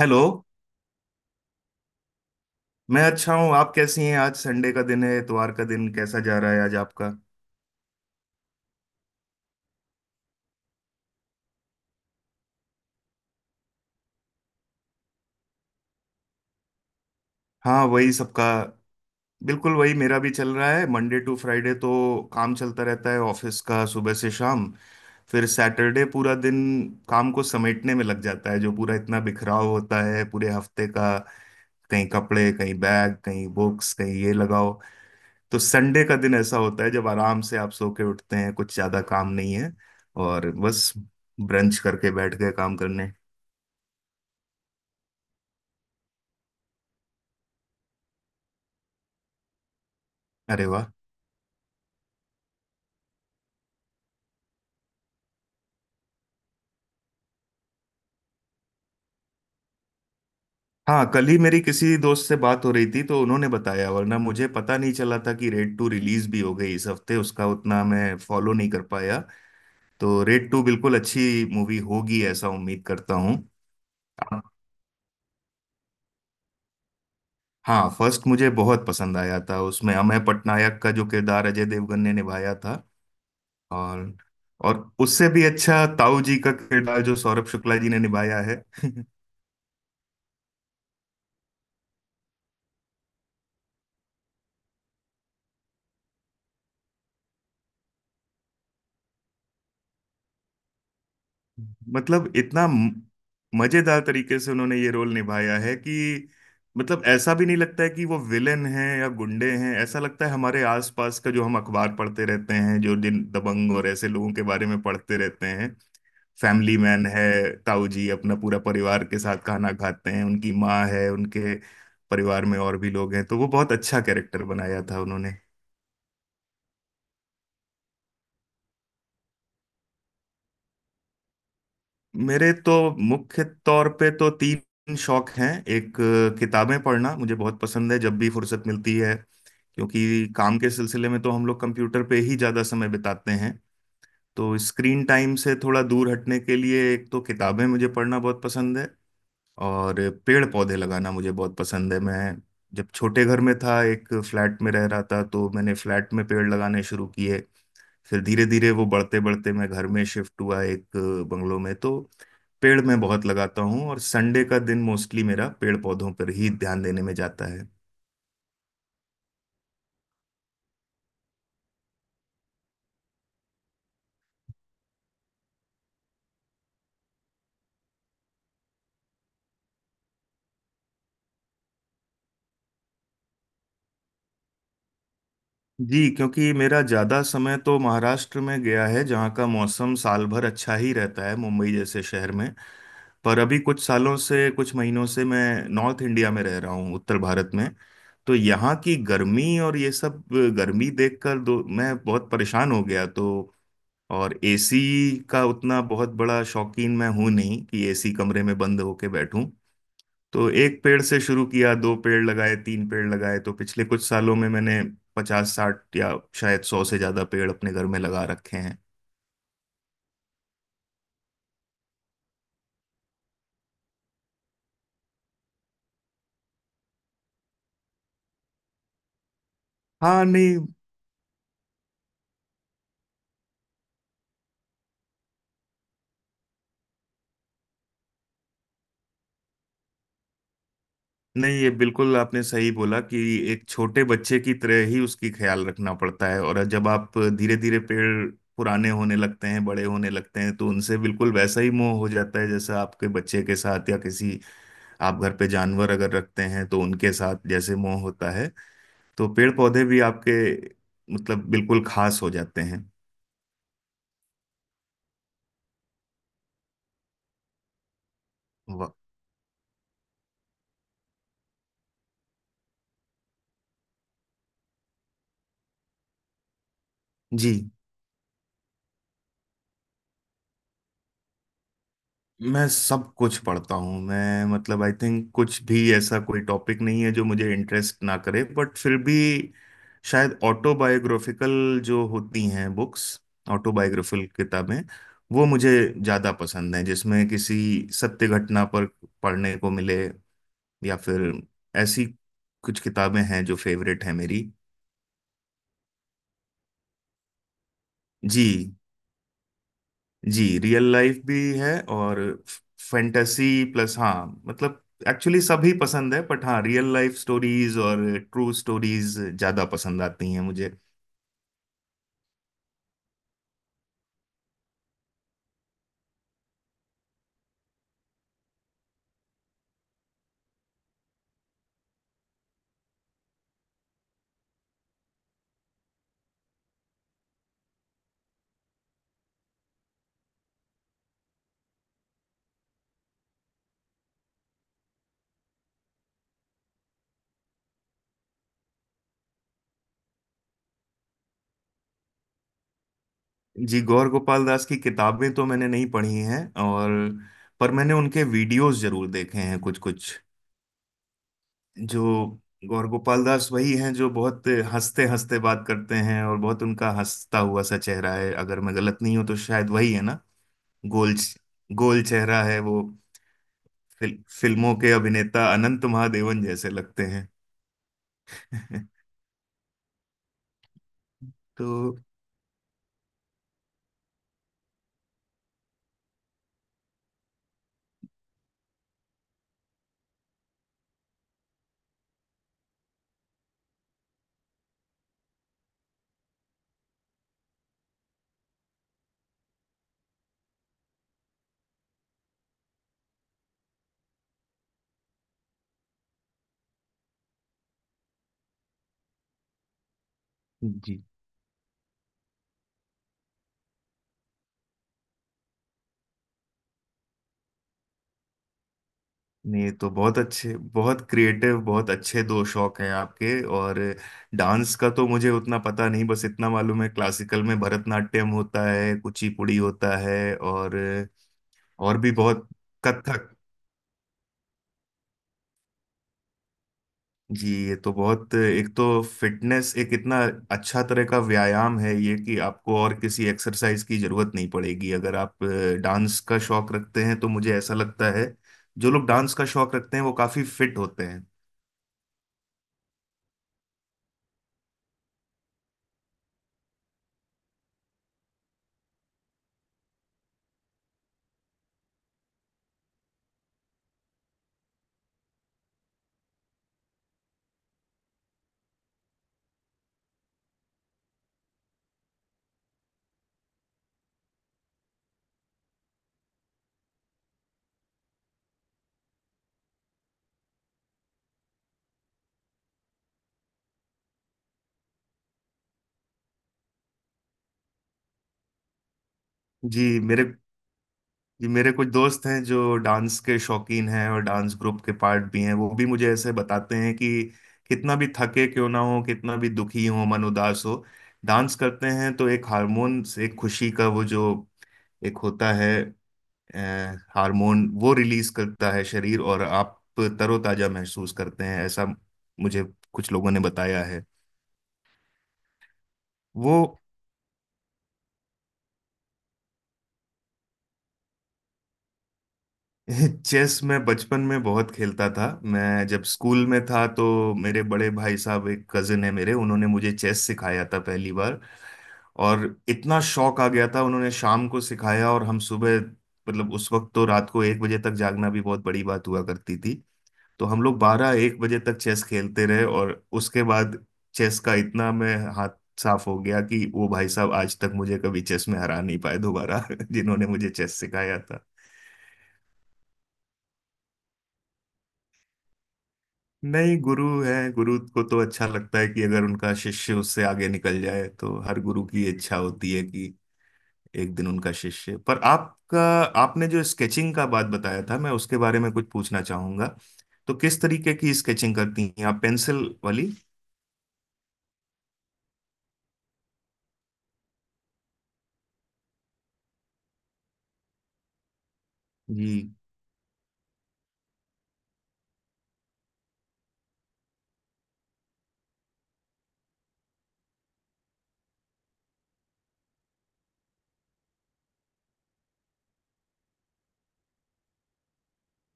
Hello. मैं अच्छा हूँ। आप कैसी हैं? आज संडे का दिन है, इतवार का दिन कैसा जा रहा है आज आपका? हाँ, वही सबका। बिल्कुल वही मेरा भी चल रहा है, मंडे टू फ्राइडे तो काम चलता रहता है ऑफिस का, सुबह से शाम। फिर सैटरडे पूरा दिन काम को समेटने में लग जाता है, जो पूरा इतना बिखराव होता है पूरे हफ्ते का। कहीं कपड़े, कहीं बैग, कहीं बुक्स, कहीं ये लगाओ। तो संडे का दिन ऐसा होता है जब आराम से आप सो के उठते हैं, कुछ ज्यादा काम नहीं है, और बस ब्रंच करके बैठ गए काम करने। अरे वाह। हाँ, कल ही मेरी किसी दोस्त से बात हो रही थी, तो उन्होंने बताया, वरना मुझे पता नहीं चला था कि रेड टू रिलीज भी हो गई इस हफ्ते। उसका उतना मैं फॉलो नहीं कर पाया। तो रेड टू बिल्कुल अच्छी मूवी होगी, ऐसा उम्मीद करता हूँ। हाँ, फर्स्ट मुझे बहुत पसंद आया था। उसमें अमय पटनायक का जो किरदार अजय देवगन ने निभाया था, और और उससे भी अच्छा ताऊ जी का किरदार जो सौरभ शुक्ला जी ने निभाया है। मतलब इतना मजेदार तरीके से उन्होंने ये रोल निभाया है कि, मतलब ऐसा भी नहीं लगता है कि वो विलेन हैं या गुंडे हैं। ऐसा लगता है हमारे आसपास का, जो हम अखबार पढ़ते रहते हैं, जो दिन दबंग और ऐसे लोगों के बारे में पढ़ते रहते हैं। फैमिली मैन है ताऊ जी, अपना पूरा परिवार के साथ खाना खाते हैं, उनकी माँ है, उनके परिवार में और भी लोग हैं। तो वो बहुत अच्छा कैरेक्टर बनाया था उन्होंने। मेरे तो मुख्य तौर पे तो तीन शौक हैं। एक किताबें पढ़ना मुझे बहुत पसंद है, जब भी फुर्सत मिलती है, क्योंकि काम के सिलसिले में तो हम लोग कंप्यूटर पे ही ज़्यादा समय बिताते हैं। तो स्क्रीन टाइम से थोड़ा दूर हटने के लिए एक तो किताबें मुझे पढ़ना बहुत पसंद है। और पेड़ पौधे लगाना मुझे बहुत पसंद है। मैं जब छोटे घर में था, एक फ्लैट में रह रहा था, तो मैंने फ्लैट में पेड़ लगाने शुरू किए। फिर धीरे धीरे वो बढ़ते बढ़ते मैं घर में शिफ्ट हुआ, एक बंगलों में। तो पेड़ मैं बहुत लगाता हूँ, और संडे का दिन मोस्टली मेरा पेड़ पौधों पर ही ध्यान देने में जाता है। जी, क्योंकि मेरा ज़्यादा समय तो महाराष्ट्र में गया है, जहाँ का मौसम साल भर अच्छा ही रहता है, मुंबई जैसे शहर में। पर अभी कुछ सालों से, कुछ महीनों से मैं नॉर्थ इंडिया में रह रहा हूँ, उत्तर भारत में। तो यहाँ की गर्मी और ये सब गर्मी देखकर दो मैं बहुत परेशान हो गया। तो और एसी का उतना बहुत बड़ा शौकीन मैं हूं नहीं, कि एसी कमरे में बंद होके बैठूं। तो एक पेड़ से शुरू किया, दो पेड़ लगाए, तीन पेड़ लगाए, तो पिछले कुछ सालों में मैंने पचास साठ या शायद सौ से ज्यादा पेड़ अपने घर में लगा रखे हैं। हाँ। नहीं, नहीं, ये बिल्कुल आपने सही बोला, कि एक छोटे बच्चे की तरह ही उसकी ख्याल रखना पड़ता है। और जब आप धीरे धीरे पेड़ पुराने होने लगते हैं, बड़े होने लगते हैं, तो उनसे बिल्कुल वैसा ही मोह हो जाता है जैसा आपके बच्चे के साथ, या किसी, आप घर पे जानवर अगर रखते हैं तो उनके साथ जैसे मोह होता है। तो पेड़ पौधे भी आपके, मतलब बिल्कुल खास हो जाते हैं। वाह। जी, मैं सब कुछ पढ़ता हूँ। मैं मतलब आई थिंक कुछ भी ऐसा कोई टॉपिक नहीं है जो मुझे इंटरेस्ट ना करे, बट फिर भी शायद ऑटोबायोग्राफिकल जो होती हैं बुक्स, ऑटोबायोग्राफिकल किताबें, वो मुझे ज़्यादा पसंद हैं, जिसमें किसी सत्य घटना पर पढ़ने को मिले, या फिर ऐसी कुछ किताबें हैं जो फेवरेट है मेरी। जी। जी, रियल लाइफ भी है, और फैंटेसी प्लस, हाँ, मतलब एक्चुअली सभी पसंद है, बट हाँ, रियल लाइफ स्टोरीज और ट्रू स्टोरीज ज्यादा पसंद आती हैं मुझे। जी, गौर गोपाल दास की किताबें तो मैंने नहीं पढ़ी हैं, और पर मैंने उनके वीडियोस जरूर देखे हैं, कुछ कुछ। जो गौर गोपाल दास, वही हैं जो बहुत हंसते हंसते बात करते हैं, और बहुत उनका हंसता हुआ सा चेहरा है, अगर मैं गलत नहीं हूं तो शायद वही है ना, गोल गोल चेहरा है वो। फिल्मों के अभिनेता अनंत महादेवन जैसे लगते हैं। तो जी, नहीं तो बहुत अच्छे, बहुत क्रिएटिव, बहुत अच्छे दो शौक हैं आपके। और डांस का तो मुझे उतना पता नहीं, बस इतना मालूम है क्लासिकल में भरतनाट्यम होता है, कुचिपुड़ी होता है, और भी बहुत, कथक। जी, ये तो बहुत, एक तो फिटनेस, एक इतना अच्छा तरह का व्यायाम है ये, कि आपको और किसी एक्सरसाइज की जरूरत नहीं पड़ेगी अगर आप डांस का शौक रखते हैं, तो मुझे ऐसा लगता है जो लोग डांस का शौक रखते हैं वो काफी फिट होते हैं। जी मेरे, जी मेरे कुछ दोस्त हैं जो डांस के शौकीन हैं और डांस ग्रुप के पार्ट भी हैं, वो भी मुझे ऐसे बताते हैं कि कितना भी थके क्यों ना हो, कितना भी दुखी हो, मन उदास हो, डांस करते हैं तो एक हार्मोन से एक खुशी का वो जो एक होता है, अ, हार्मोन वो रिलीज करता है शरीर, और आप तरोताजा महसूस करते हैं, ऐसा मुझे कुछ लोगों ने बताया है। वो चेस मैं बचपन में बहुत खेलता था। मैं जब स्कूल में था, तो मेरे बड़े भाई साहब, एक कजिन है मेरे, उन्होंने मुझे चेस सिखाया था पहली बार। और इतना शौक आ गया था, उन्होंने शाम को सिखाया और हम सुबह, मतलब उस वक्त तो रात को एक बजे तक जागना भी बहुत बड़ी बात हुआ करती थी, तो हम लोग बारह एक बजे तक चेस खेलते रहे। और उसके बाद चेस का इतना मैं हाथ साफ हो गया कि वो भाई साहब आज तक मुझे कभी चेस में हरा नहीं पाए दोबारा, जिन्होंने मुझे चेस सिखाया। नहीं, गुरु है, गुरु को तो अच्छा लगता है कि अगर उनका शिष्य उससे आगे निकल जाए, तो हर गुरु की इच्छा होती है कि एक दिन उनका शिष्य, पर आपका, आपने जो स्केचिंग का बात बताया था मैं उसके बारे में कुछ पूछना चाहूंगा। तो किस तरीके की स्केचिंग करती हैं आप, पेंसिल वाली? जी,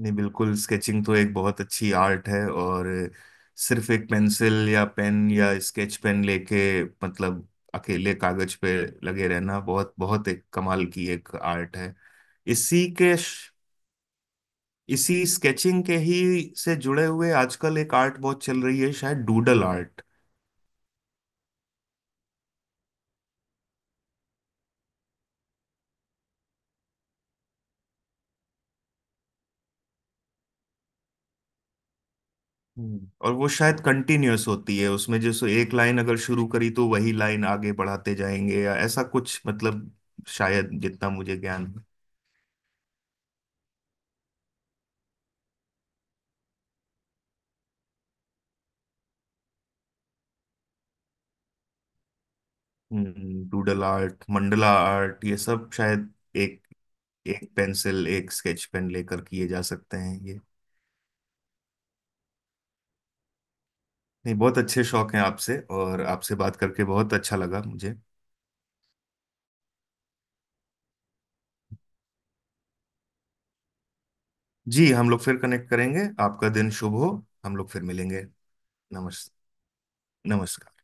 नहीं, बिल्कुल, स्केचिंग तो एक बहुत अच्छी आर्ट है। और सिर्फ एक पेंसिल या पेन या स्केच पेन लेके, मतलब अकेले कागज पे लगे रहना, बहुत बहुत एक कमाल की एक आर्ट है। इसी के, इसी स्केचिंग के ही से जुड़े हुए आजकल एक आर्ट बहुत चल रही है, शायद डूडल आर्ट। हम्म, और वो शायद कंटिन्यूअस होती है, उसमें जैसे एक लाइन अगर शुरू करी तो वही लाइन आगे बढ़ाते जाएंगे, या ऐसा कुछ, मतलब शायद जितना मुझे ज्ञान है। डूडल आर्ट, मंडला आर्ट, ये सब शायद एक एक पेंसिल, एक स्केच पेन लेकर किए जा सकते हैं ये। नहीं, बहुत अच्छे शौक हैं आपसे, और आपसे बात करके बहुत अच्छा लगा मुझे। जी, हम लोग फिर कनेक्ट करेंगे, आपका दिन शुभ हो। हम लोग फिर मिलेंगे। नमस्ते। नमस्कार।